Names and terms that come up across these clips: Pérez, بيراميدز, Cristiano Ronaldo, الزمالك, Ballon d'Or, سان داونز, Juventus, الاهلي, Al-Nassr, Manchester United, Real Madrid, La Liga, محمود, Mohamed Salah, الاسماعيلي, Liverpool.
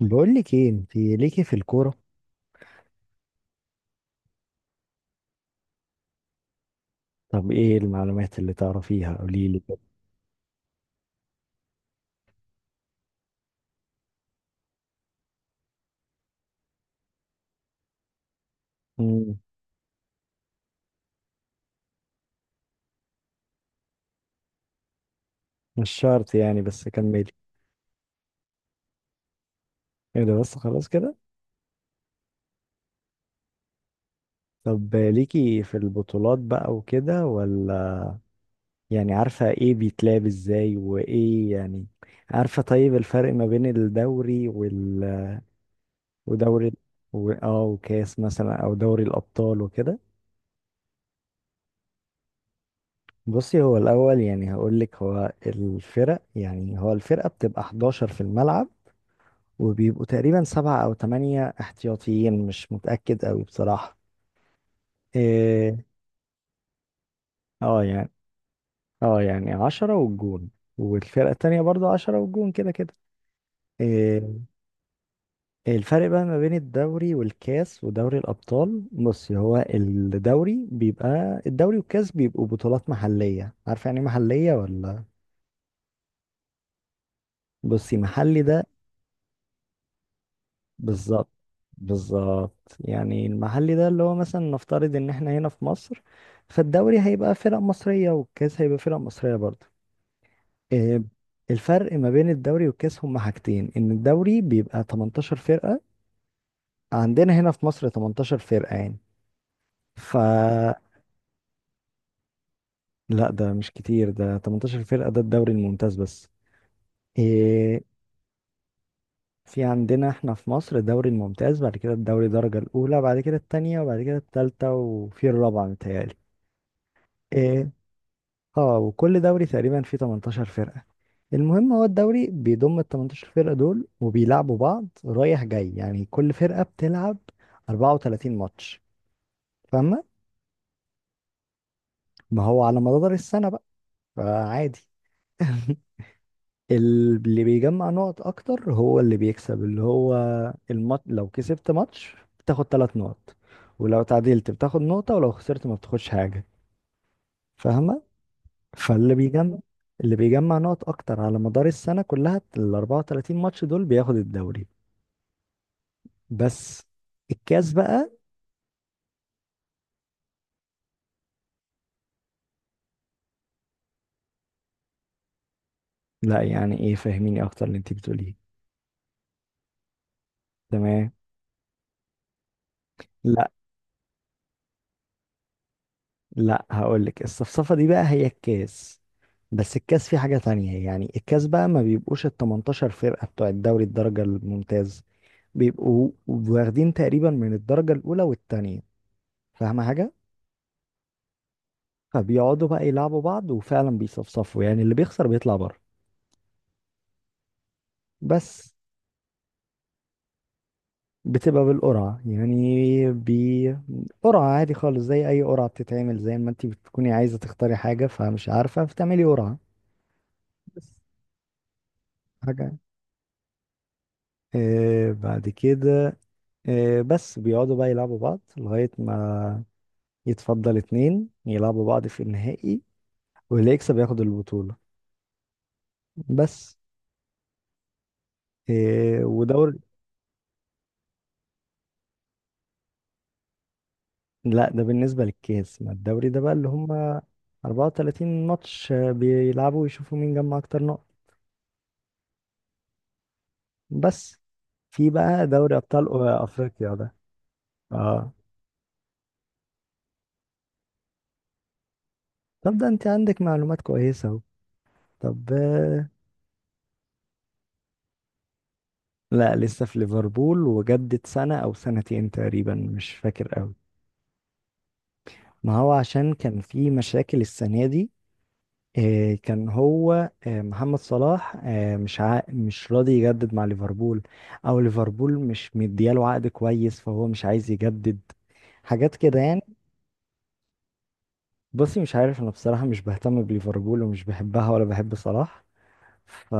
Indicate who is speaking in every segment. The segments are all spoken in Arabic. Speaker 1: بقول لك ايه؟ انت ليكي في الكوره؟ طب ايه المعلومات اللي تعرفيها؟ قولي لي كده. مم، مش شرط يعني، بس كملي. ايه ده؟ بس خلاص كده. طب ليكي في البطولات بقى وكده ولا؟ يعني عارفه ايه بيتلعب ازاي وايه يعني؟ عارفه طيب الفرق ما بين الدوري وال... ودوري و... اه وكاس مثلا او دوري الابطال وكده. بصي، هو الاول يعني، هقول لك، هو الفرق يعني، هو الفرقه بتبقى 11 في الملعب، وبيبقوا تقريبا سبعة أو تمانية احتياطيين، مش متأكد أوي بصراحة. إيه؟ اه يعني. اه يعني 10 والجون، والفرقة التانية برضو 10 والجون كده كده. إيه؟ الفرق بقى ما بين الدوري والكاس ودوري الأبطال، بص، هو الدوري بيبقى الدوري، والكاس بيبقوا بطولات محلية. عارفة يعني إيه محلية ولا؟ بصي، محلي ده، بالظبط بالظبط. يعني المحلي ده اللي هو مثلا نفترض ان احنا هنا في مصر، فالدوري هيبقى فرق مصرية، والكاس هيبقى فرق مصرية برضه. إيه؟ الفرق ما بين الدوري والكاس هما حاجتين، ان الدوري بيبقى 18 فرقة. عندنا هنا في مصر 18 فرقة يعني، ف... لا ده مش كتير، ده 18 فرقة، ده الدوري الممتاز بس. إيه؟ في عندنا احنا في مصر الدوري الممتاز، بعد كده الدوري الدرجة الأولى، بعد كده التانية، وبعد كده التالتة، وفي الرابعة متهيألي. آه، اه وكل دوري تقريبا فيه 18 فرقة. المهم، هو الدوري بيضم ال 18 فرقة دول، وبيلعبوا بعض رايح جاي، يعني كل فرقة بتلعب 34 ماتش. فاهمة؟ ما هو على مدار السنة بقى، فعادي. اللي بيجمع نقط اكتر هو اللي بيكسب، اللي هو لو كسبت ماتش بتاخد ثلاث نقط، ولو تعادلت بتاخد نقطة، ولو خسرت ما بتاخدش حاجة. فاهمة؟ فاللي بيجمع اللي بيجمع نقط اكتر على مدار السنه كلها، ال 34 ماتش دول، بياخد الدوري. بس. الكاس بقى، لا يعني ايه؟ فهميني اكتر اللي انت بتقوليه. تمام. لا لا، هقول لك الصفصفه دي بقى هي الكاس، بس الكاس فيه حاجه تانية يعني. الكاس بقى ما بيبقوش ال 18 فرقه بتوع الدوري الدرجه الممتاز، بيبقوا واخدين تقريبا من الدرجه الاولى والتانية. فاهمه حاجه؟ فبيقعدوا بقى يلعبوا بعض، وفعلا بيصفصفوا يعني، اللي بيخسر بيطلع بره. بس. بتبقى بالقرعة، يعني بقرعة عادي خالص، زي أي قرعة بتتعمل، زي ما انتي بتكوني عايزة تختاري حاجة فمش عارفة فتعملي قرعة. بس حاجة. آه بعد كده، آه بس بيقعدوا بقى يلعبوا بعض لغاية ما يتفضل اتنين يلعبوا بعض في النهائي، واللي يكسب ياخد البطولة. بس. آه. ودور... لا ده بالنسبة للكاس. ما الدوري ده بقى اللي هم 34 ماتش، بيلعبوا ويشوفوا مين جمع أكتر نقط. بس. في بقى دوري ابطال افريقيا ده. اه طب ده انت عندك معلومات كويسه اهو. طب آه. لا لسه في ليفربول، وجدد سنه او سنتين تقريبا، مش فاكر قوي. ما هو عشان كان في مشاكل السنه دي، كان هو محمد صلاح مش راضي يجدد مع ليفربول، او ليفربول مش مدياله عقد كويس، فهو مش عايز يجدد. حاجات كده يعني. بصي مش عارف انا بصراحه، مش بهتم بليفربول ومش بحبها ولا بحب صلاح. ف...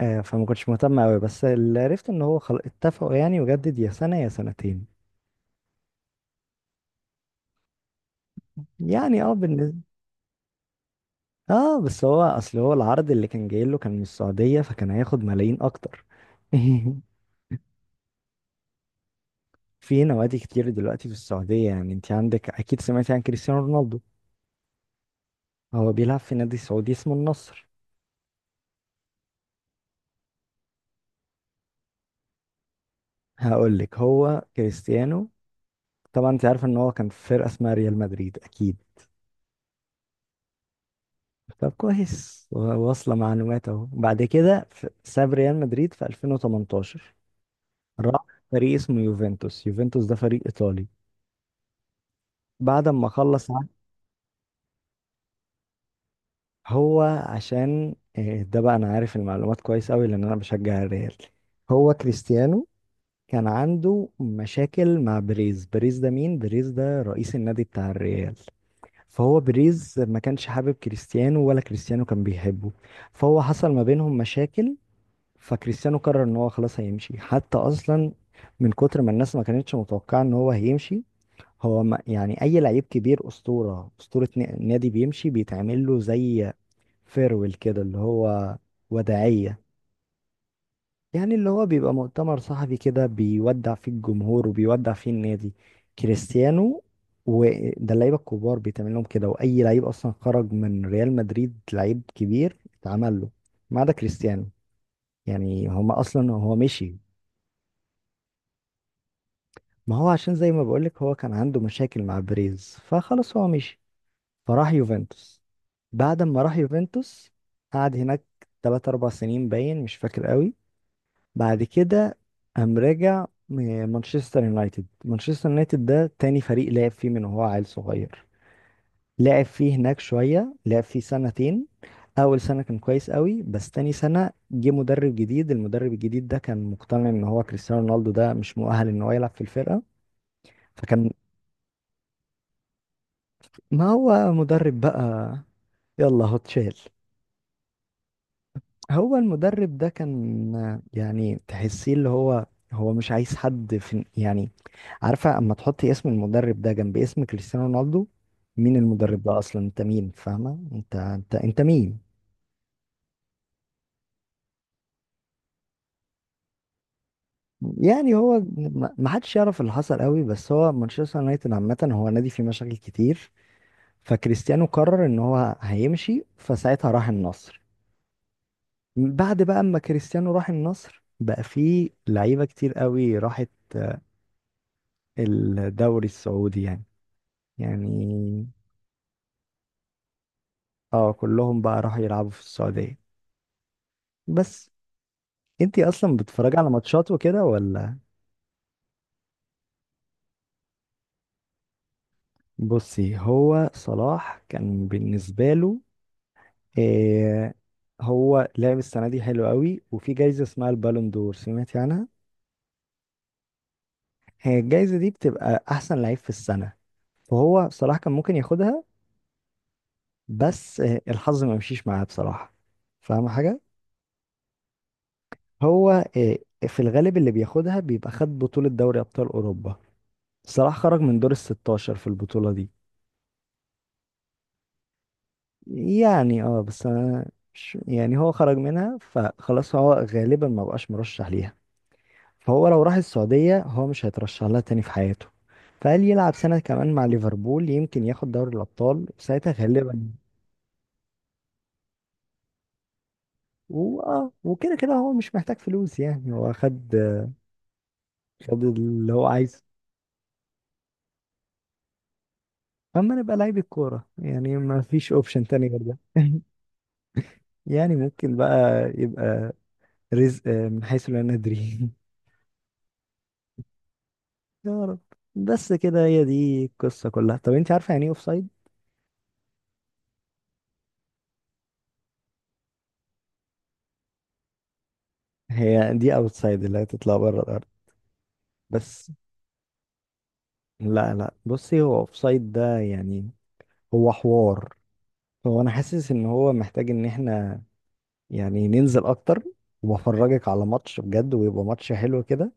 Speaker 1: فما كنتش مهتم قوي، بس اللي عرفت ان هو خلاص اتفقوا يعني يجدد يا سنة يا سنتين. يعني اه بالنسبة. اه بس هو اصل، هو العرض اللي كان جاي له كان من السعودية، فكان هياخد ملايين اكتر. في نوادي كتير دلوقتي في السعودية. يعني انت عندك اكيد سمعتي عن كريستيانو رونالدو، هو بيلعب في نادي سعودي اسمه النصر. هقول لك، هو كريستيانو، طبعا انت عارف ان هو كان في فرقة اسمها ريال مدريد اكيد؟ طب كويس، واصلة معلومات اهو. بعد كده ساب ريال مدريد في 2018، راح فريق اسمه يوفنتوس. يوفنتوس ده فريق ايطالي، بعد ما خلص عقد- هو عشان ده بقى انا عارف المعلومات كويس قوي لان انا بشجع الريال. هو كريستيانو كان عنده مشاكل مع بريز. بريز ده مين؟ بريز ده رئيس النادي بتاع الريال. فهو بريز ما كانش حابب كريستيانو، ولا كريستيانو كان بيحبه، فهو حصل ما بينهم مشاكل. فكريستيانو قرر ان هو خلاص هيمشي، حتى اصلا من كتر ما الناس ما كانتش متوقعه ان هو هيمشي. هو ما يعني اي لعيب كبير اسطوره اسطوره نادي بيمشي بيتعمل له زي فيرويل كده، اللي هو وداعيه، يعني اللي هو بيبقى مؤتمر صحفي كده، بيودع فيه الجمهور وبيودع فيه النادي كريستيانو. وده اللعيبه الكبار بيتعمل لهم كده، واي لعيب اصلا خرج من ريال مدريد لعيب كبير اتعمل له، ما عدا كريستيانو. يعني هما اصلا هو مشي. ما هو عشان زي ما بقولك هو كان عنده مشاكل مع بريز، فخلاص هو مشي فراح يوفنتوس. بعد ما راح يوفنتوس قعد هناك تلات أربع سنين باين، مش فاكر قوي. بعد كده قام راجع مانشستر يونايتد. مانشستر يونايتد ده تاني فريق لعب فيه من وهو عيل صغير، لعب فيه هناك شوية، لعب فيه سنتين. أول سنة كان كويس قوي، بس تاني سنة جه مدرب جديد. المدرب الجديد ده كان مقتنع إن هو كريستيانو رونالدو ده مش مؤهل إن هو يلعب في الفرقة. فكان... ما هو مدرب بقى، يلا هو اتشال. هو المدرب ده كان يعني تحسيه اللي هو، هو مش عايز حد في يعني. عارفة اما تحطي اسم المدرب ده جنب اسم كريستيانو رونالدو، مين المدرب ده اصلا؟ انت مين فاهمة؟ انت انت انت مين؟ يعني هو ما حدش يعرف اللي حصل قوي، بس هو مانشستر يونايتد عامة هو نادي فيه مشاكل كتير. فكريستيانو قرر ان هو هيمشي، فساعتها راح النصر. بعد بقى اما كريستيانو راح النصر بقى فيه لعيبة كتير قوي راحت الدوري السعودي يعني. يعني اه كلهم بقى راحوا يلعبوا في السعودية. بس. انتي اصلا بتتفرجي على ماتشات وكده ولا؟ بصي، هو صلاح كان بالنسبة له إيه، هو لعب السنة دي حلو قوي، وفي جايزة اسمها البالون دور، سمعتي عنها؟ هي الجايزة دي بتبقى احسن لعيب في السنة، فهو صلاح كان ممكن ياخدها، بس الحظ ما مشيش معاه بصراحة. فاهم حاجة؟ هو آه، في الغالب اللي بياخدها بيبقى خد بطولة دوري أبطال أوروبا، صلاح خرج من دور الـ16 في البطولة دي. يعني اه بس أنا مش يعني، هو خرج منها فخلاص هو غالبا ما بقاش مرشح ليها، فهو لو راح السعودية هو مش هيترشح لها تاني في حياته. فقال يلعب سنة كمان مع ليفربول يمكن ياخد دوري الأبطال ساعتها غالبا. واه وكده كده هو مش محتاج فلوس يعني، هو خد خد اللي هو عايزه. اما نبقى لعيب كورة يعني ما فيش اوبشن تاني غير ده. يعني ممكن بقى يبقى رزق من حيث لا ندري. يا رب. بس كده هي دي القصة كلها. طب انت عارفة يعني ايه اوفسايد؟ هي دي اوتسايد اللي هتطلع بره الارض. بس لا لا، بصي هو اوفسايد ده يعني هو حوار، هو انا حاسس ان هو محتاج ان احنا يعني ننزل اكتر، وافرجك على ماتش بجد ويبقى ماتش حلو كده،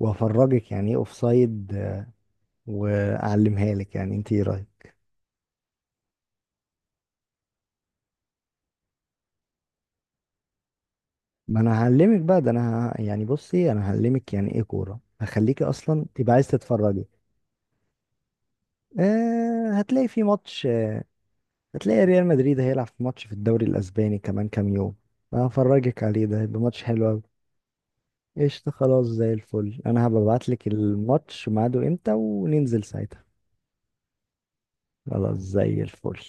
Speaker 1: وافرجك يعني ايه اوفسايد واعلمها لك. يعني انت ايه رايك؟ ما انا هعلمك بقى، ده انا يعني بصي، انا هعلمك يعني ايه كوره، هخليكي اصلا تبقى عايز تتفرجي. آه هتلاقي في ماتش، هتلاقي ريال مدريد هيلعب في ماتش في الدوري الاسباني كمان كام يوم، أنا هفرجك عليه، ده هيبقى ماتش حلو قوي. قشطة خلاص زي الفل، انا هبعت لك الماتش ميعاده امتى وننزل ساعتها. خلاص زي الفل.